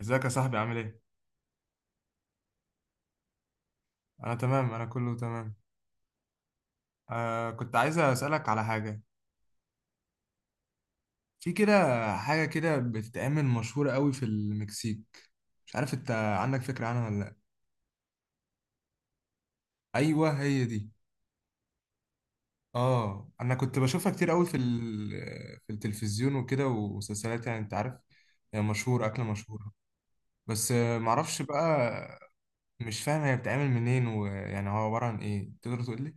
ازيك يا صاحبي، عامل ايه؟ انا تمام، انا كله تمام. كنت عايز اسالك على حاجه. في كده، حاجه كده بتتعمل مشهوره قوي في المكسيك، مش عارف انت عندك فكره عنها ولا لا؟ ايوه، هي دي. اه، انا كنت بشوفها كتير قوي في التلفزيون وكده ومسلسلات، يعني انت عارف. هي مشهور، اكله مشهوره. بس معرفش بقى. مش فاهم هي بتتعمل منين، ويعني هو عباره عن ايه، تقدر تقول لي؟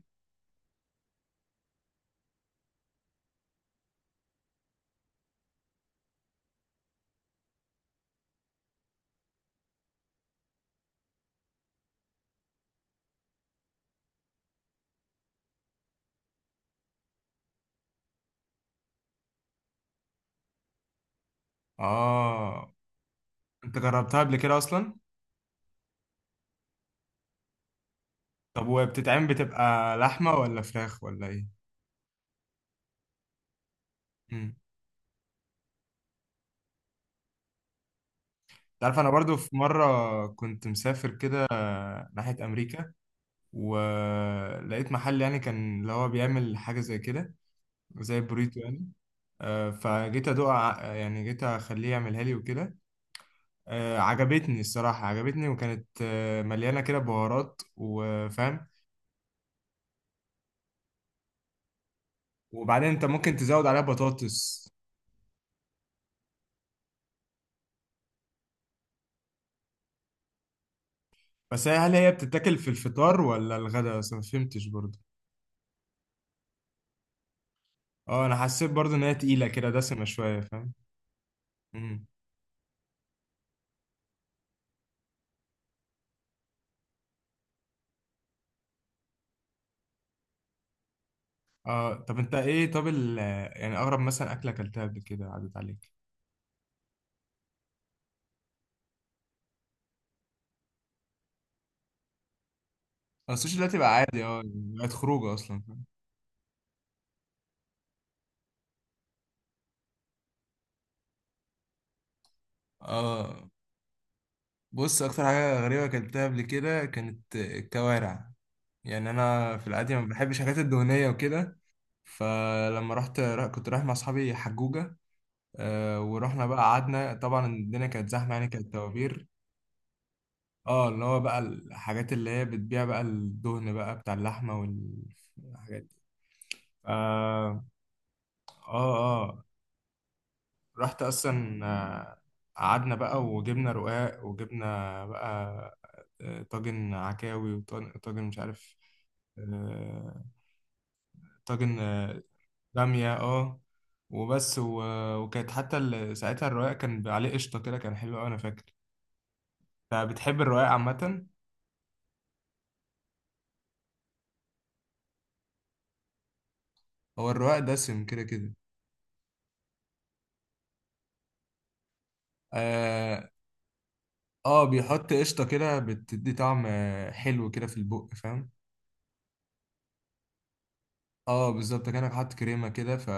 اه، انت جربتها قبل كده اصلا؟ طب، وبتتعمل بتبقى لحمة ولا فراخ ولا ايه؟ امم. تعرف، انا برضو في مرة كنت مسافر كده ناحية امريكا، ولقيت محل يعني كان اللي هو بيعمل حاجة زي كده، زي بريتو يعني. يعني جيت اخليه يعملها لي وكده. عجبتني الصراحة، عجبتني، وكانت مليانة كده بهارات، وفاهم. وبعدين انت ممكن تزود عليها بطاطس. بس هل هي بتتاكل في الفطار ولا الغداء بس؟ ما فهمتش برضو. اه، انا حسيت برضو ان هي تقيله كده، دسمه شويه، فاهم. امم. اه، طب انت ايه، طب يعني اغرب مثلا اكله اكلتها قبل كده عدت عليك؟ اه، السوشي دلوقتي بقى عادي، اه يعني بقت خروجه اصلا، فاهم؟ اه، بص، اكتر حاجه غريبه اكلتها قبل كده كانت الكوارع. يعني انا في العادي ما بحبش الحاجات الدهنيه وكده. فلما رحت كنت رايح مع اصحابي حجوجه. ورحنا بقى، قعدنا طبعا، الدنيا كانت زحمه، يعني كانت توابير. اه، اللي هو بقى الحاجات اللي هي بتبيع بقى الدهن بقى بتاع اللحمة والحاجات دي. اه، اه، آه. رحت اصلا، قعدنا بقى وجبنا رقاق، وجبنا بقى طاجن عكاوي، وطاجن مش عارف، آه، طاجن بامية، اه. وبس، وكانت حتى ساعتها الرقاق كان عليه قشطة كده، كان حلو أوي، أنا فاكر. فبتحب الرقاق عامة؟ هو الرقاق دسم كده كده. آه، اه، بيحط قشطة كده، بتدي طعم حلو كده في البق، فاهم. اه، بالظبط، كأنك حاطط كريمة كده، ف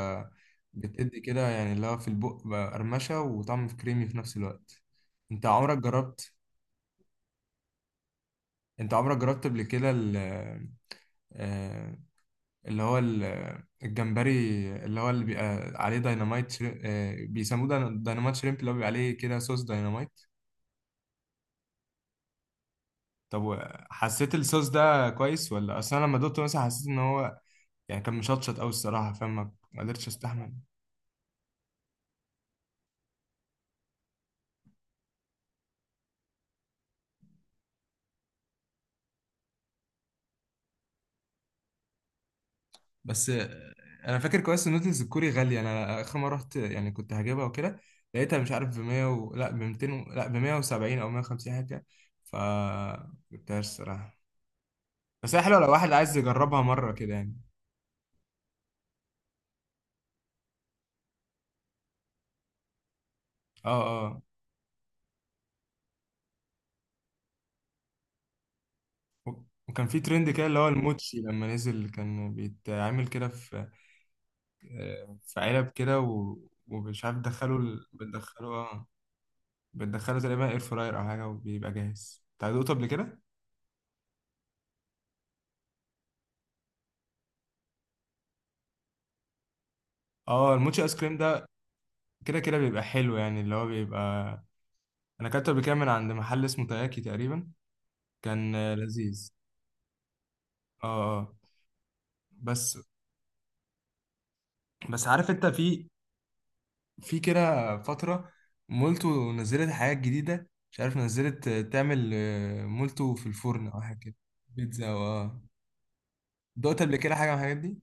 بتدي كده يعني اللي هو في البق بقى قرمشة وطعم، في كريمي في نفس الوقت. انت عمرك جربت انت عمرك جربت قبل كده آه، اللي هو الجمبري، اللي هو اللي بيبقى عليه دايناميت شري... آه، بيسموه دايناميت شريمب، اللي هو بيبقى عليه كده صوص دايناميت. طب، حسيت الصوص ده كويس ولا؟ اصل انا لما دقته مثلا حسيت ان هو، يعني كان مشطشط قوي الصراحه، فاهم، ما قدرتش استحمل. بس انا فاكر كويس إن النودلز الكوري غاليه. انا اخر مره رحت يعني كنت هجيبها وكده، لقيتها مش عارف ب 100 و... لا ب 200 و... لا ب 170 او 150 حاجه كده. ف جبتهاش الصراحه. بس هي حلوه لو واحد عايز يجربها مره كده يعني. اه، اه. وكان في ترند كده اللي هو الموتشي لما نزل كان بيتعمل كده في، في علب كده و... ومش عارف، دخلوا ال... بتدخلوا بتدخله تقريبا اير فراير او حاجه، وبيبقى جاهز. انت دوقته قبل كده؟ اه، الموتشي ايس كريم ده، كده كده بيبقى حلو يعني، اللي هو بيبقى. انا اكلته قبل كده من عند محل اسمه تاياكي تقريبا، كان لذيذ. اه، اه. بس بس عارف انت، في كده فتره مولتو نزلت حاجات جديده، مش عارف نزلت تعمل مولتو في الفرن او حاجه كده. بيتزا، اه. دوقت قبل كده حاجه من الحاجات دي؟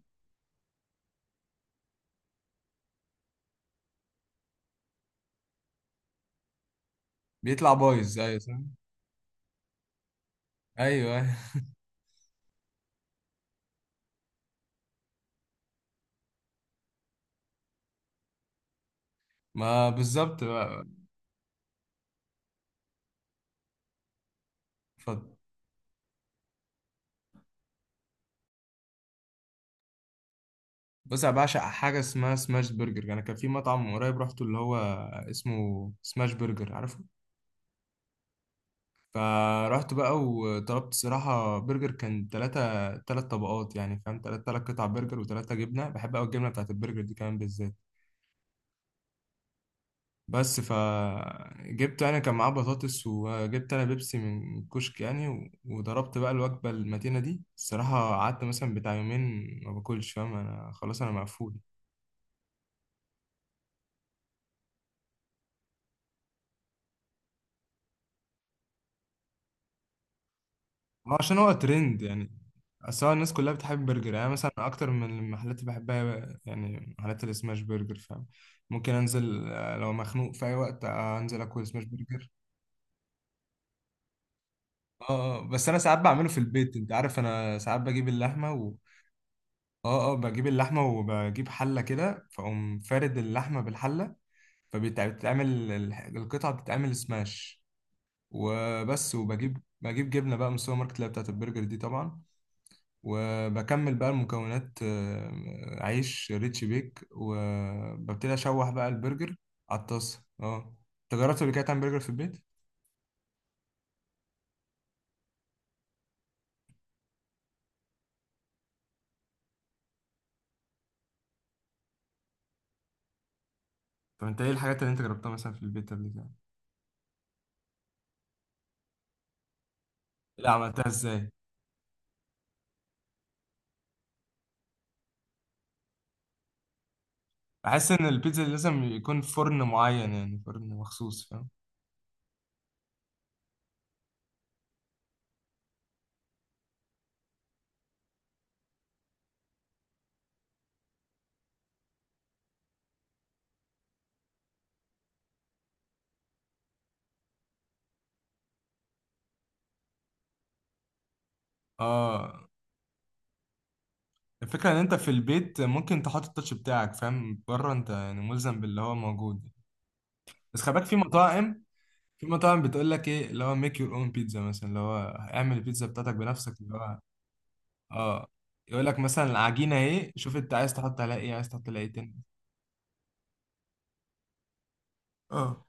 بيطلع بايظ، ايوه صح، ايوه، أيوة. ما بالظبط بقى. اتفضل. بص، انا بعشق حاجه اسمها سماش برجر. انا كان في مطعم من قريب رحته اللي هو اسمه سماش برجر، عارفه؟ فرحت بقى وطلبت صراحه برجر، كان ثلاث طبقات، يعني فاهم، ثلاث قطع برجر وثلاثه جبنه. بحب قوي الجبنه بتاعت البرجر دي كمان بالذات. بس، فجبت انا كان معاه بطاطس، وجبت انا بيبسي من كشك يعني، وضربت بقى الوجبه المتينه دي الصراحه. قعدت مثلا بتاع يومين ما باكلش، فاهم، انا خلاص، انا مقفول. ما هو عشان هو ترند يعني، اصل هو الناس كلها بتحب برجر يعني. أنا مثلا اكتر من المحلات اللي بحبها يعني محلات السماش برجر، فاهم. ممكن انزل لو مخنوق في اي وقت انزل اكل سماش برجر. اه. بس انا ساعات بعمله في البيت، انت عارف، انا ساعات بجيب اللحمه و... اه، اه، بجيب اللحمه وبجيب حله كده، فاقوم فارد اللحمه بالحله، فبتتعمل، القطعه بتتعمل سماش. وبس، وبجيب جبنه بقى من السوبر ماركت اللي هي بتاعت البرجر دي طبعا. وبكمل بقى المكونات، عيش ريتش بيك، وببتدي اشوح بقى البرجر على الطاسه، اه. انت جربت قبل كده تعمل برجر في البيت؟ طب انت ايه الحاجات اللي انت جربتها مثلا في البيت قبل كده؟ لا، عملتها ازاي؟ بحس ان البيتزا لازم يكون فرن معين، يعني فرن مخصوص، فاهم. اه، الفكره ان انت في البيت ممكن تحط التاتش بتاعك، فاهم، بره انت يعني ملزم باللي هو موجود. بس خلي بالك، في مطاعم، في مطاعم بتقول لك ايه، اللي هو ميك يور اون بيتزا مثلا، اللي هو اعمل البيتزا بتاعتك بنفسك، اللي هو اه يقول لك مثلا العجينه اهي، شوف انت عايز تحط عليها ايه، عايز تحط عليها ايه تاني. اه،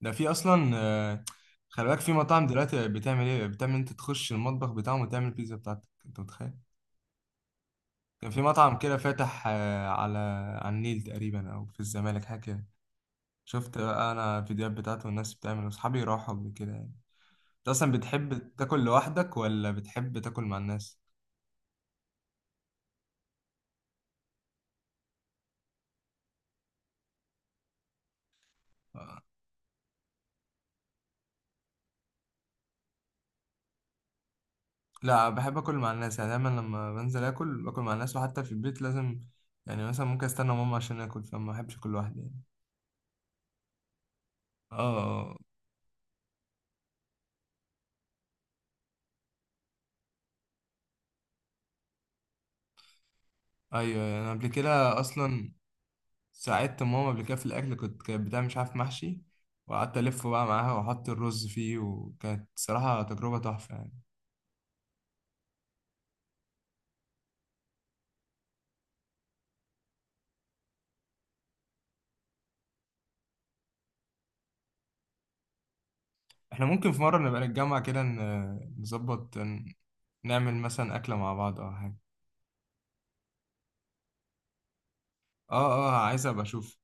ده في اصلا، خلي بالك، في مطاعم دلوقتي بتعمل ايه، بتعمل انت تخش المطبخ بتاعهم وتعمل البيتزا بتاعتك انت، متخيل؟ كان في مطعم كده فاتح، على النيل تقريبا، او في الزمالك حاجه كده. شفت بقى انا الفيديوهات بتاعته، والناس بتعمل، واصحابي راحوا قبل كده يعني. انت اصلا بتحب تاكل لوحدك ولا بتحب تاكل مع الناس؟ لا، بحب اكل مع الناس. يعني دايما لما بنزل اكل، باكل مع الناس، وحتى في البيت لازم، يعني مثلا ممكن استنى ماما عشان اكل، فما بحبش اكل لوحدي يعني. اه، ايوه يعني، انا قبل كده اصلا ساعدت ماما قبل كده في الاكل، كنت كانت بتعمل مش عارف محشي، وقعدت الف بقى معاها واحط الرز فيه، وكانت صراحه تجربه تحفه يعني. احنا ممكن في مره نبقى نتجمع كده، نظبط، نعمل مثلا اكله مع بعض او حاجه. اه، اه، عايز ابقى اشوف.